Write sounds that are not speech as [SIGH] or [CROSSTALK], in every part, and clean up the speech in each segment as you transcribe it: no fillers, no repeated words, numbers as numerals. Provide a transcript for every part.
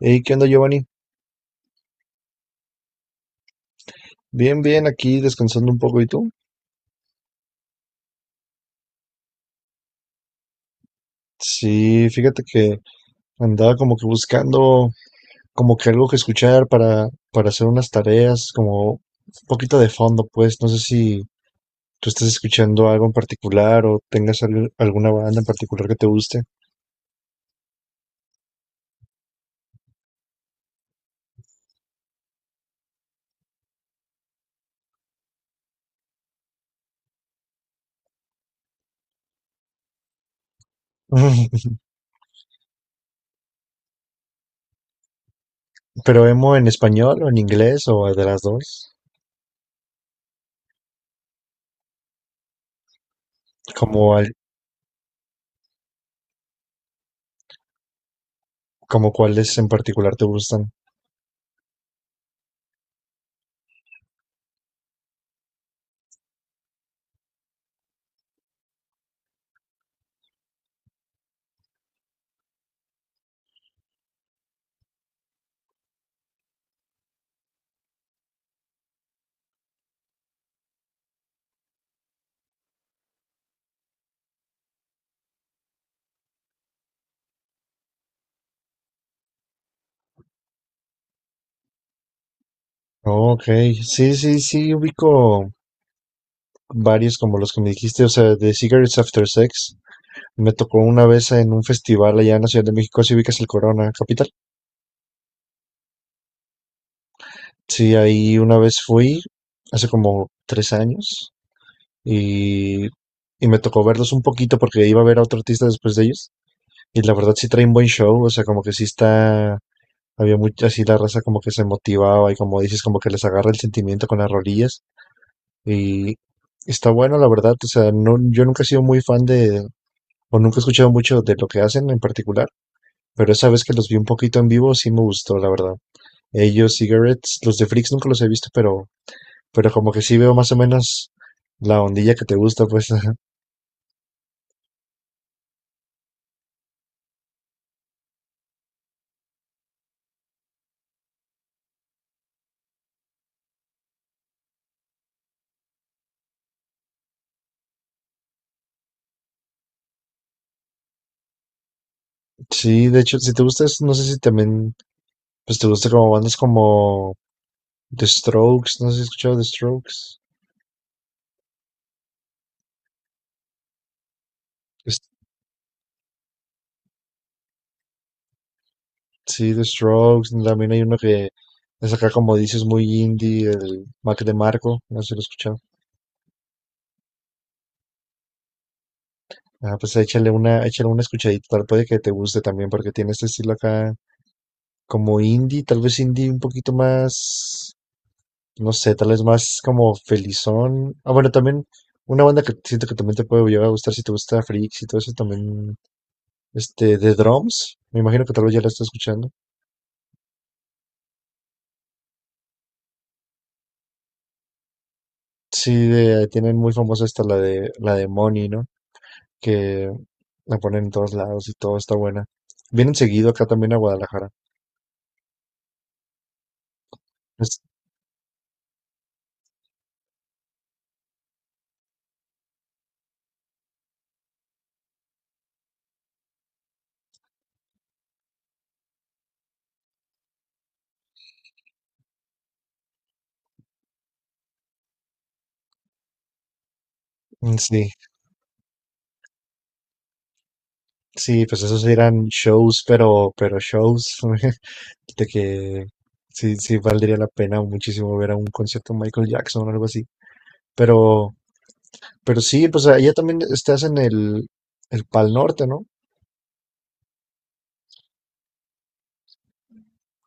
Hey, ¿qué onda, Giovanni? Bien, bien, aquí descansando un poco. ¿Y tú? Sí, fíjate que andaba como que buscando como que algo que escuchar para hacer unas tareas, como un poquito de fondo, pues. No sé si tú estás escuchando algo en particular o tengas alguna banda en particular que te guste. [LAUGHS] ¿Pero emo en español o en inglés o de las dos? ¿Como, como cuáles en particular te gustan? Ok, sí, sí, sí, ubico varios como los que me dijiste, o sea, de Cigarettes After Sex. Me tocó una vez en un festival allá en la Ciudad de México, si ubicas el Corona Capital. Sí, ahí una vez fui, hace como 3 años, y, y me tocó verlos un poquito porque iba a ver a otro artista después de ellos. Y la verdad sí trae un buen show, o sea, como que sí está, había mucha, así la raza como que se motivaba y como dices, como que les agarra el sentimiento con las rodillas y está bueno, la verdad, o sea, no, yo nunca he sido muy fan de, o nunca he escuchado mucho de lo que hacen en particular, pero esa vez que los vi un poquito en vivo sí me gustó, la verdad. Ellos, Cigarettes, los de Freaks nunca los he visto, pero como que sí veo más o menos la ondilla que te gusta, pues, [LAUGHS] ajá. Sí, de hecho, si te gusta, no sé si también, pues te gusta como bandas como The Strokes, no sé si has escuchado The Strokes. Es- sí, The Strokes. También hay uno que es acá, como dices, muy indie, el Mac de Marco. No sé si lo has escuchado. Ah, pues échale una escuchadita, tal puede que te guste también, porque tiene este estilo acá como indie, tal vez indie un poquito más, no sé, tal vez más como felizón. Ah, bueno, también una banda que siento que también te puede llegar a gustar si te gusta Freaks y todo eso también, este, The Drums. Me imagino que tal vez ya la estás escuchando. Sí, tienen muy famosa esta la de Money, ¿no? Que la ponen en todos lados y todo está buena. Vienen seguido acá también a Guadalajara. Es- sí, sí, pues esos eran shows, pero shows [LAUGHS] de que sí, sí valdría la pena muchísimo ver a un concierto de Michael Jackson o algo así. Pero, pero sí, pues allá también estás en el Pal Norte, ¿no?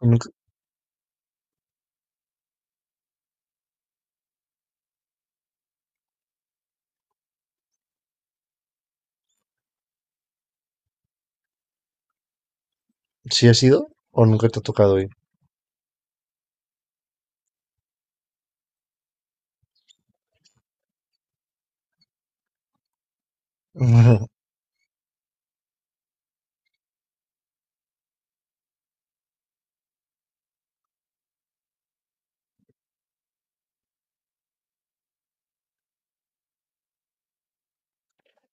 Nunca- ¿Sí has ido o nunca te ha tocado ir? [LAUGHS]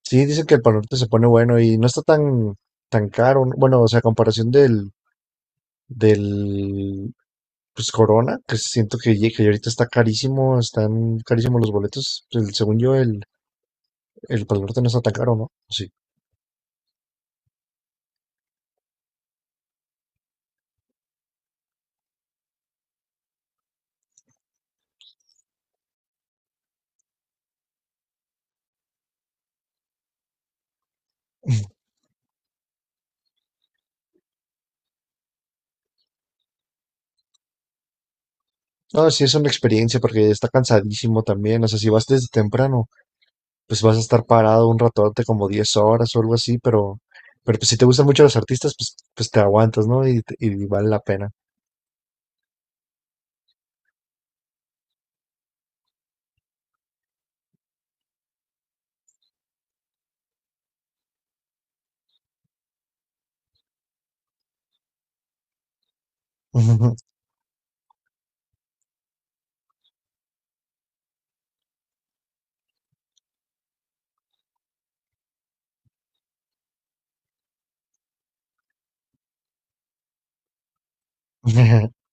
Sí, dice que el Pal Norte se pone bueno y no está tan caro. ¿No? Bueno, o sea, a comparación del pues Corona, que siento que, que ahorita está carísimo, están carísimos los boletos. Según yo, el Pal Norte no está tan caro, ¿no? Sí. No, sí, es una experiencia porque está cansadísimo también. O sea, si vas desde temprano, pues vas a estar parado un ratote, como 10 horas o algo así, pero pues si te gustan mucho los artistas, pues, pues te aguantas, ¿no? Y, y vale la pena. [LAUGHS]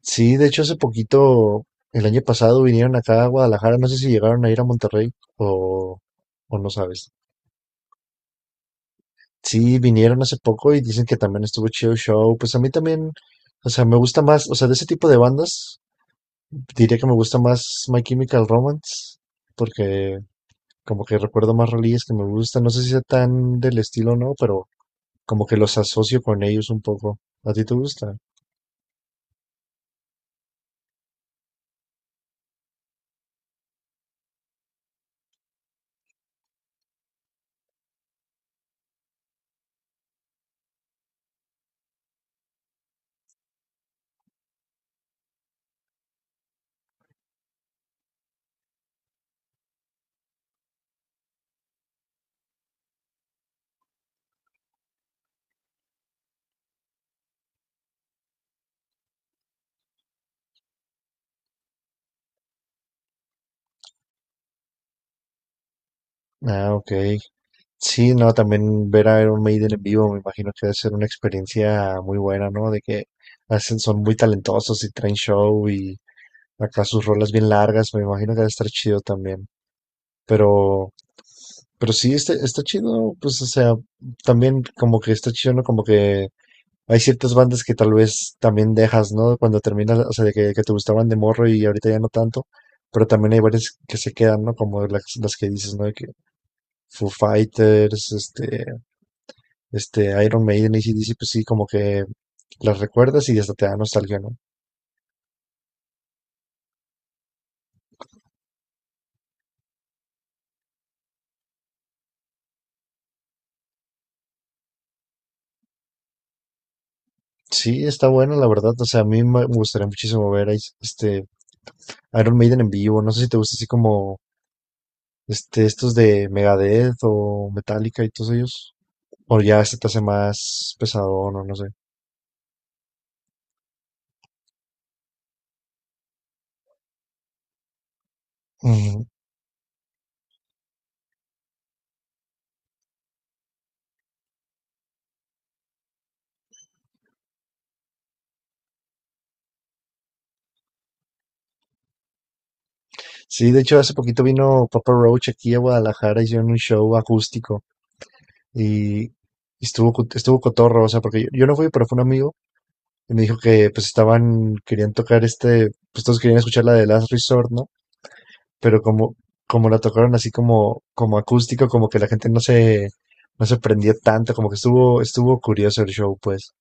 Sí, de hecho hace poquito, el año pasado vinieron acá a Guadalajara, no sé si llegaron a ir a Monterrey o, o no sabes. Sí, vinieron hace poco y dicen que también estuvo chido el show. Pues a mí también, o sea, me gusta más, o sea, de ese tipo de bandas, diría que me gusta más My Chemical Romance, porque como que recuerdo más rolillas que me gustan, no sé si sea tan del estilo o no, pero como que los asocio con ellos un poco. ¿A ti te gusta? Ah, ok. Sí, no, también ver a Iron Maiden en vivo, me imagino que debe ser una experiencia muy buena, ¿no? De que hacen, son muy talentosos y traen show y acá sus rolas bien largas, me imagino que debe estar chido también. Pero, pero sí, este, está chido, pues, o sea, también como que está chido, ¿no? Como que hay ciertas bandas que tal vez también dejas, ¿no? Cuando terminas, o sea, de que te gustaban de morro y ahorita ya no tanto. Pero también hay varias que se quedan, ¿no? Como las que dices, ¿no? De que Foo Fighters, Iron Maiden y AC/DC pues sí, como que las recuerdas y hasta te da nostalgia, ¿no? Sí, está bueno, la verdad. O sea, a mí me gustaría muchísimo ver a Iron Maiden en vivo. No sé si te gusta así como este, estos de Megadeth o Metallica y todos ellos. O ya este te hace más pesadón o no sé. Ujú. Sí, de hecho, hace poquito vino Papa Roach aquí a Guadalajara, hicieron un show acústico y estuvo cotorro, o sea, porque yo no fui, pero fue un amigo y me dijo que pues estaban, querían tocar este, pues todos querían escuchar la de Last Resort, ¿no? Pero como, como la tocaron así como, como acústico, como que la gente no se prendió tanto, como que estuvo curioso el show, pues.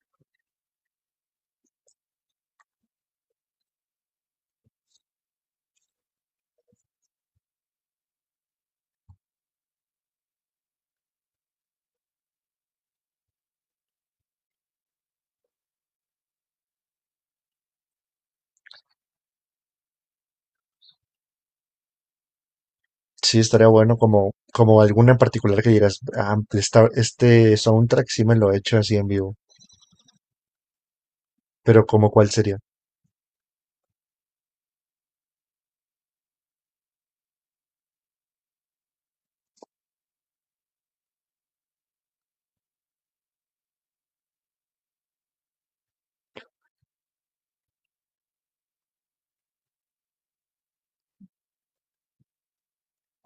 Sí, estaría bueno como, como alguna en particular que dirás, ah, este soundtrack sí me lo he hecho así en vivo, pero como cuál sería.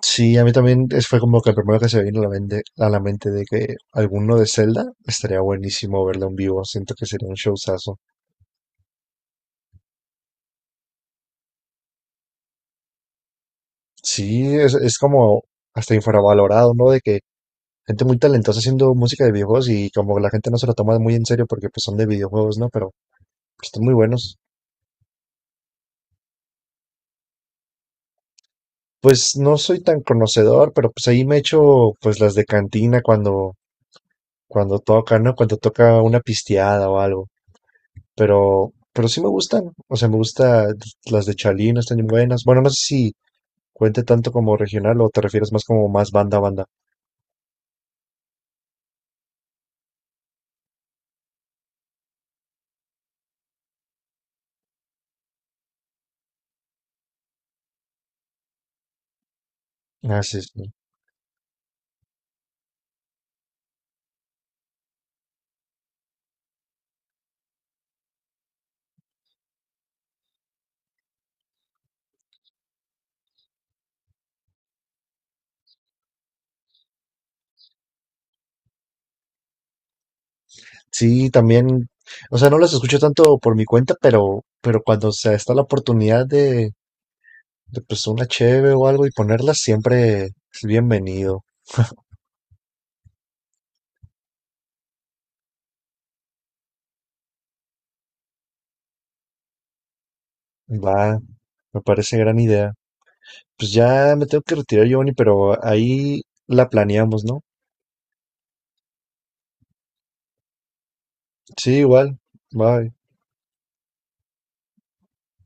Sí, a mí también fue como que el primero que se me vino a la mente de que alguno de Zelda estaría buenísimo verlo en vivo. Siento que sería un showzazo. Sí, es como hasta infravalorado, ¿no? De que gente muy talentosa haciendo música de videojuegos y como la gente no se lo toma muy en serio porque pues son de videojuegos, ¿no? Pero pues, están muy buenos. Pues no soy tan conocedor, pero pues ahí me echo pues las de cantina cuando toca, ¿no? Cuando toca una pisteada o algo. Pero pero sí me gustan. O sea, me gusta las de Chalino, están bien buenas. Bueno, no sé si cuente tanto como regional o te refieres más como más banda a banda. Ah, sí, sí. Sí, también, o sea, no las escucho tanto por mi cuenta, pero cuando se está la oportunidad de pues una cheve o algo y ponerlas, siempre es bienvenido. Va, me parece gran idea. Pues ya me tengo que retirar, Giovanni, pero ahí la planeamos, ¿no? Sí, igual. Bye.